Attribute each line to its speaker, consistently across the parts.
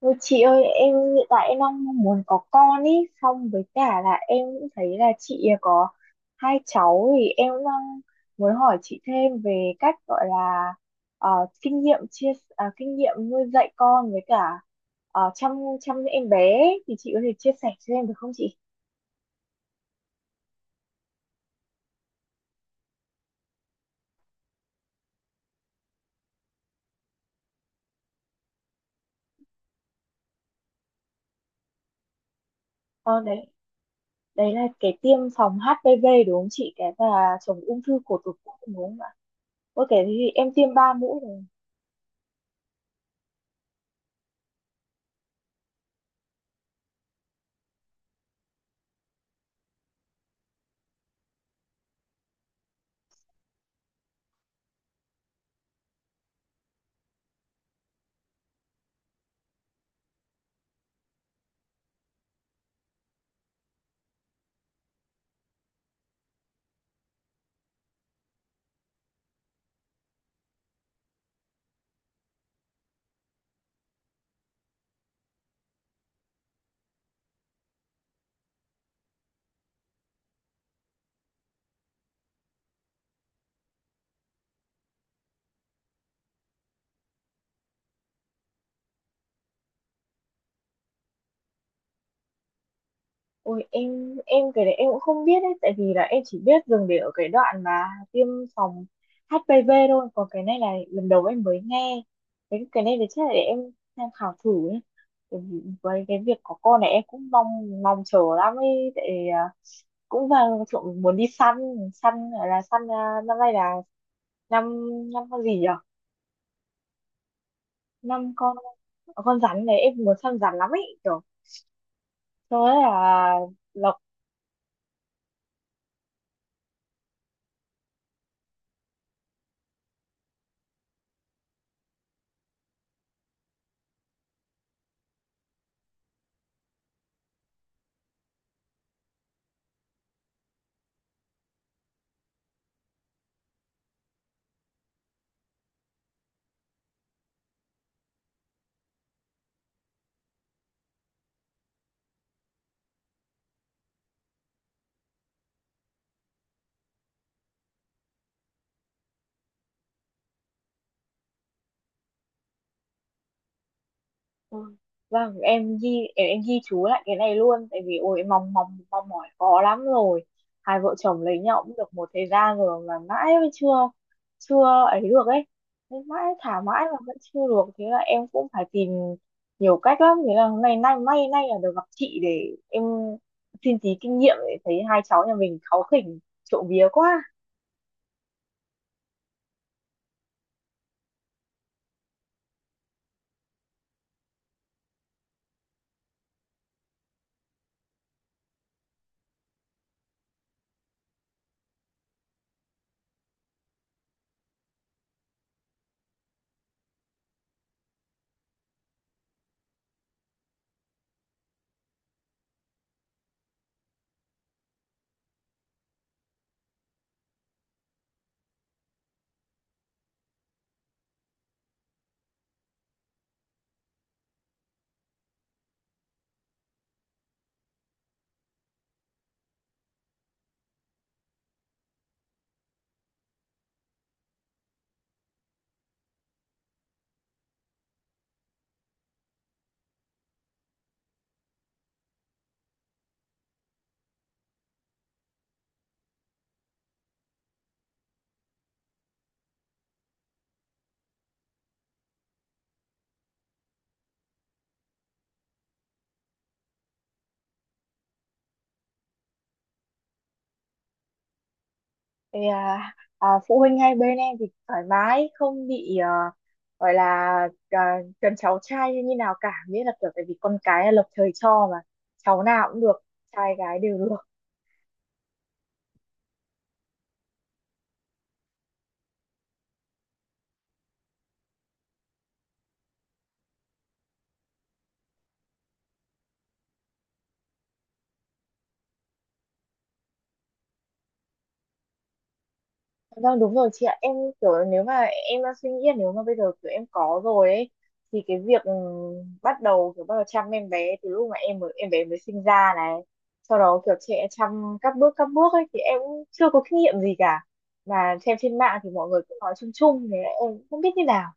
Speaker 1: Ôi chị ơi, em hiện tại em đang mong muốn có con ý, xong với cả là em cũng thấy là chị có hai cháu thì em cũng đang muốn hỏi chị thêm về cách gọi là ờ, kinh nghiệm kinh nghiệm nuôi dạy con với cả chăm chăm em bé ấy. Thì chị có thể chia sẻ cho em được không chị? Ờ, đấy đấy là cái tiêm phòng HPV đúng không chị? Cái và chống ung thư cổ tử cung đúng không ạ? Ôi cái thì em tiêm ba mũi rồi. Ôi, em cái đấy em cũng không biết đấy, tại vì là em chỉ biết dừng để ở cái đoạn mà tiêm phòng HPV thôi, còn cái này là lần đầu em mới nghe cái này thì chắc là để em tham khảo thử nhé. Tại vì với cái việc có con này em cũng mong mong chờ lắm ấy, tại cũng vào trộm muốn đi săn săn là năm nay là năm năm con gì nhỉ? Năm con rắn này em muốn săn rắn lắm ấy, kiểu thôi là là Ừ. Vâng, em ghi em ghi chú lại cái này luôn, tại vì ôi em mong mong mong mỏi khó lắm rồi. Hai vợ chồng lấy nhau cũng được một thời gian rồi mà mãi mới chưa chưa ấy được ấy. Nên mãi thả mãi mà vẫn chưa được, thế là em cũng phải tìm nhiều cách lắm, thế là hôm nay nay may nay là được gặp chị để em xin tí kinh nghiệm để thấy hai cháu nhà mình cáu khỉnh, trộm vía quá. thì à, Phụ huynh hai bên em thì thoải mái, không bị gọi là cần cháu trai như nào cả, nghĩa là kiểu tại vì con cái là lập trời cho mà, cháu nào cũng được, trai gái đều được. Vâng đúng rồi chị ạ, em kiểu nếu mà em đang suy nghĩ là nếu mà bây giờ kiểu em có rồi ấy, thì cái việc bắt đầu kiểu bắt đầu chăm em bé từ lúc mà em mới em bé mới sinh ra này, sau đó kiểu trẻ chăm các bước ấy thì em cũng chưa có kinh nghiệm gì cả, và xem trên mạng thì mọi người cũng nói chung chung, thế em cũng không biết như nào.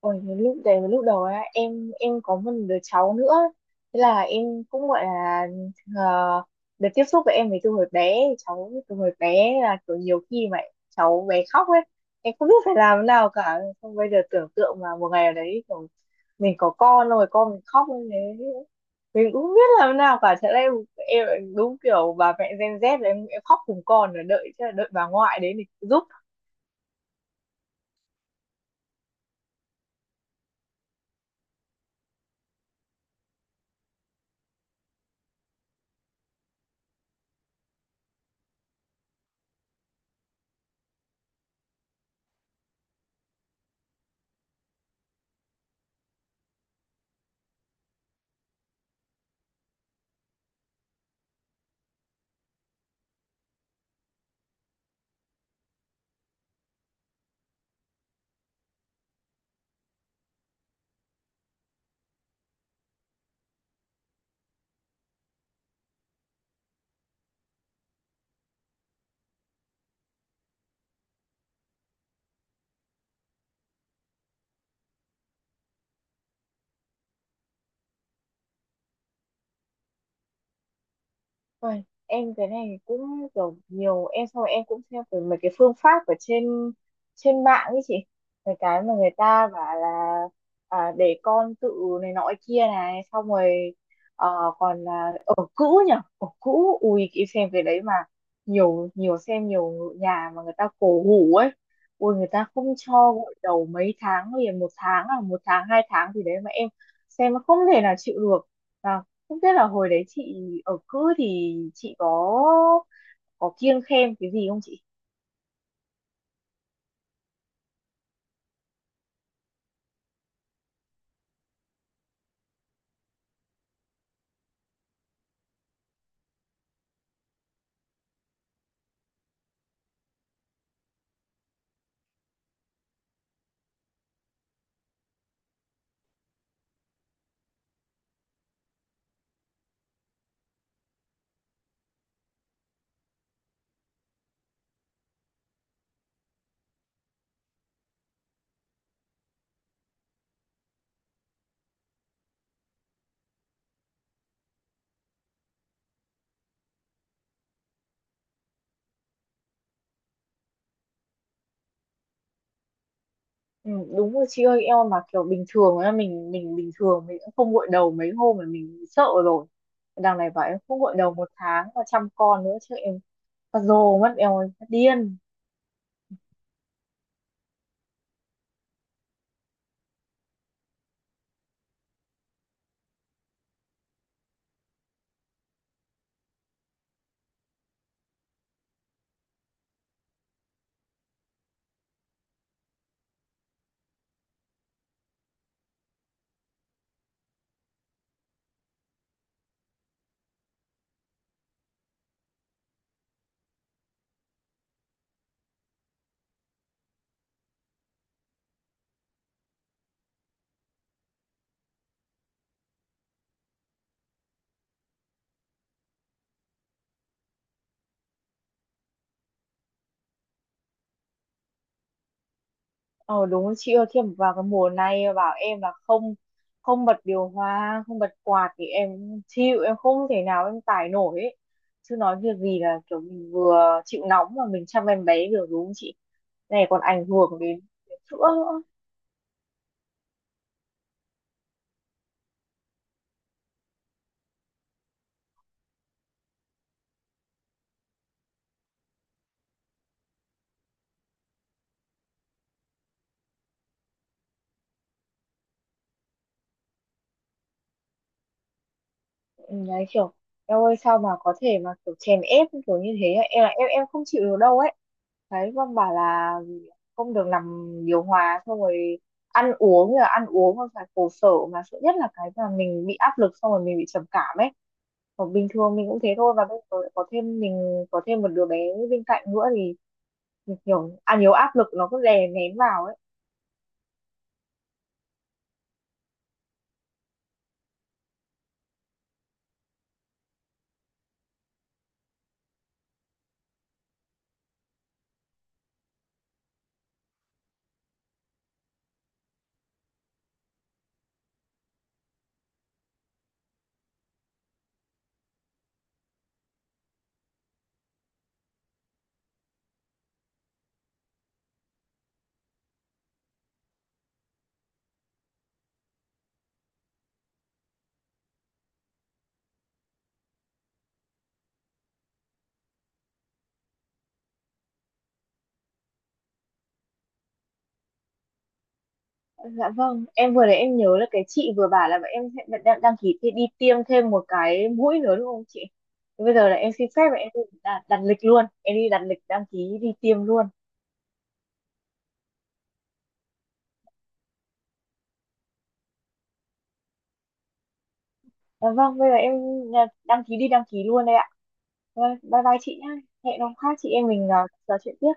Speaker 1: Ôi, cái lúc đấy cái lúc đầu á, em có một đứa cháu nữa, thế là em cũng gọi là ờ, được tiếp xúc với em ấy từ hồi bé cháu, từ hồi bé là kiểu nhiều khi mà cháu bé khóc ấy, em không biết phải làm thế nào cả, xong bây giờ tưởng tượng mà một ngày nào đấy kiểu mình có con rồi, con mình khóc như thế mình cũng không biết làm thế nào cả, thế là em đúng kiểu bà mẹ Gen Z là em khóc cùng con rồi đợi, thế là đợi bà ngoại đến để giúp. Ôi, em cái này cũng kiểu nhiều em, xong rồi em cũng xem về mấy cái phương pháp ở trên trên mạng ấy chị, mấy cái mà người ta bảo là để con tự này nọ kia này, xong rồi ờ, còn là ở cũ nhỉ, ở cũ, ui em xem cái đấy mà nhiều nhiều xem nhiều nhà mà người ta cổ hủ ấy, ui người ta không cho gội đầu mấy tháng liền, một tháng à một tháng hai tháng gì đấy, mà em xem nó không thể nào chịu được. Và không biết là hồi đấy chị ở cữ thì chị có kiêng khem cái gì không chị? Ừ, đúng rồi chị ơi, em mà kiểu bình thường á, mình bình thường mình cũng không gội đầu mấy hôm mà mình sợ rồi. Đằng này bảo em không gội đầu một tháng và chăm con nữa chứ, em phát rồ mất em ơi, phát điên. Ờ đúng rồi, chị ơi khi mà vào cái mùa này bảo em là không không bật điều hòa, không bật quạt thì em chịu, em không thể nào em tải nổi ấy. Chứ nói việc gì là kiểu mình vừa chịu nóng mà mình chăm em bé được đúng không chị, này còn ảnh hưởng đến sữa nữa. Ừ, đấy kiểu em ơi, sao mà có thể mà kiểu chèn ép kiểu như thế ấy? Em là em không chịu được đâu ấy, đấy con bảo là không được làm điều hòa, xong rồi ăn uống là ăn uống mà phải khổ sở, mà sợ nhất là cái mà mình bị áp lực xong rồi mình bị trầm cảm ấy, còn bình thường mình cũng thế thôi, và bây giờ lại có thêm mình có thêm một đứa bé bên cạnh nữa thì mình kiểu ăn nhiều áp lực, nó cứ đè nén vào ấy. Dạ vâng, em vừa đấy em nhớ là cái chị vừa bảo là bọn em sẽ đăng ký đi tiêm thêm một cái mũi nữa đúng không chị? Thế bây giờ là em xin phép và em đi đặt lịch luôn, em đi đặt lịch đăng ký đi tiêm luôn. Dạ vâng, bây giờ em đăng ký đi đăng ký luôn đây ạ. Vâng, bye bye chị nhá. Hẹn hôm khác chị em mình trò chuyện tiếp.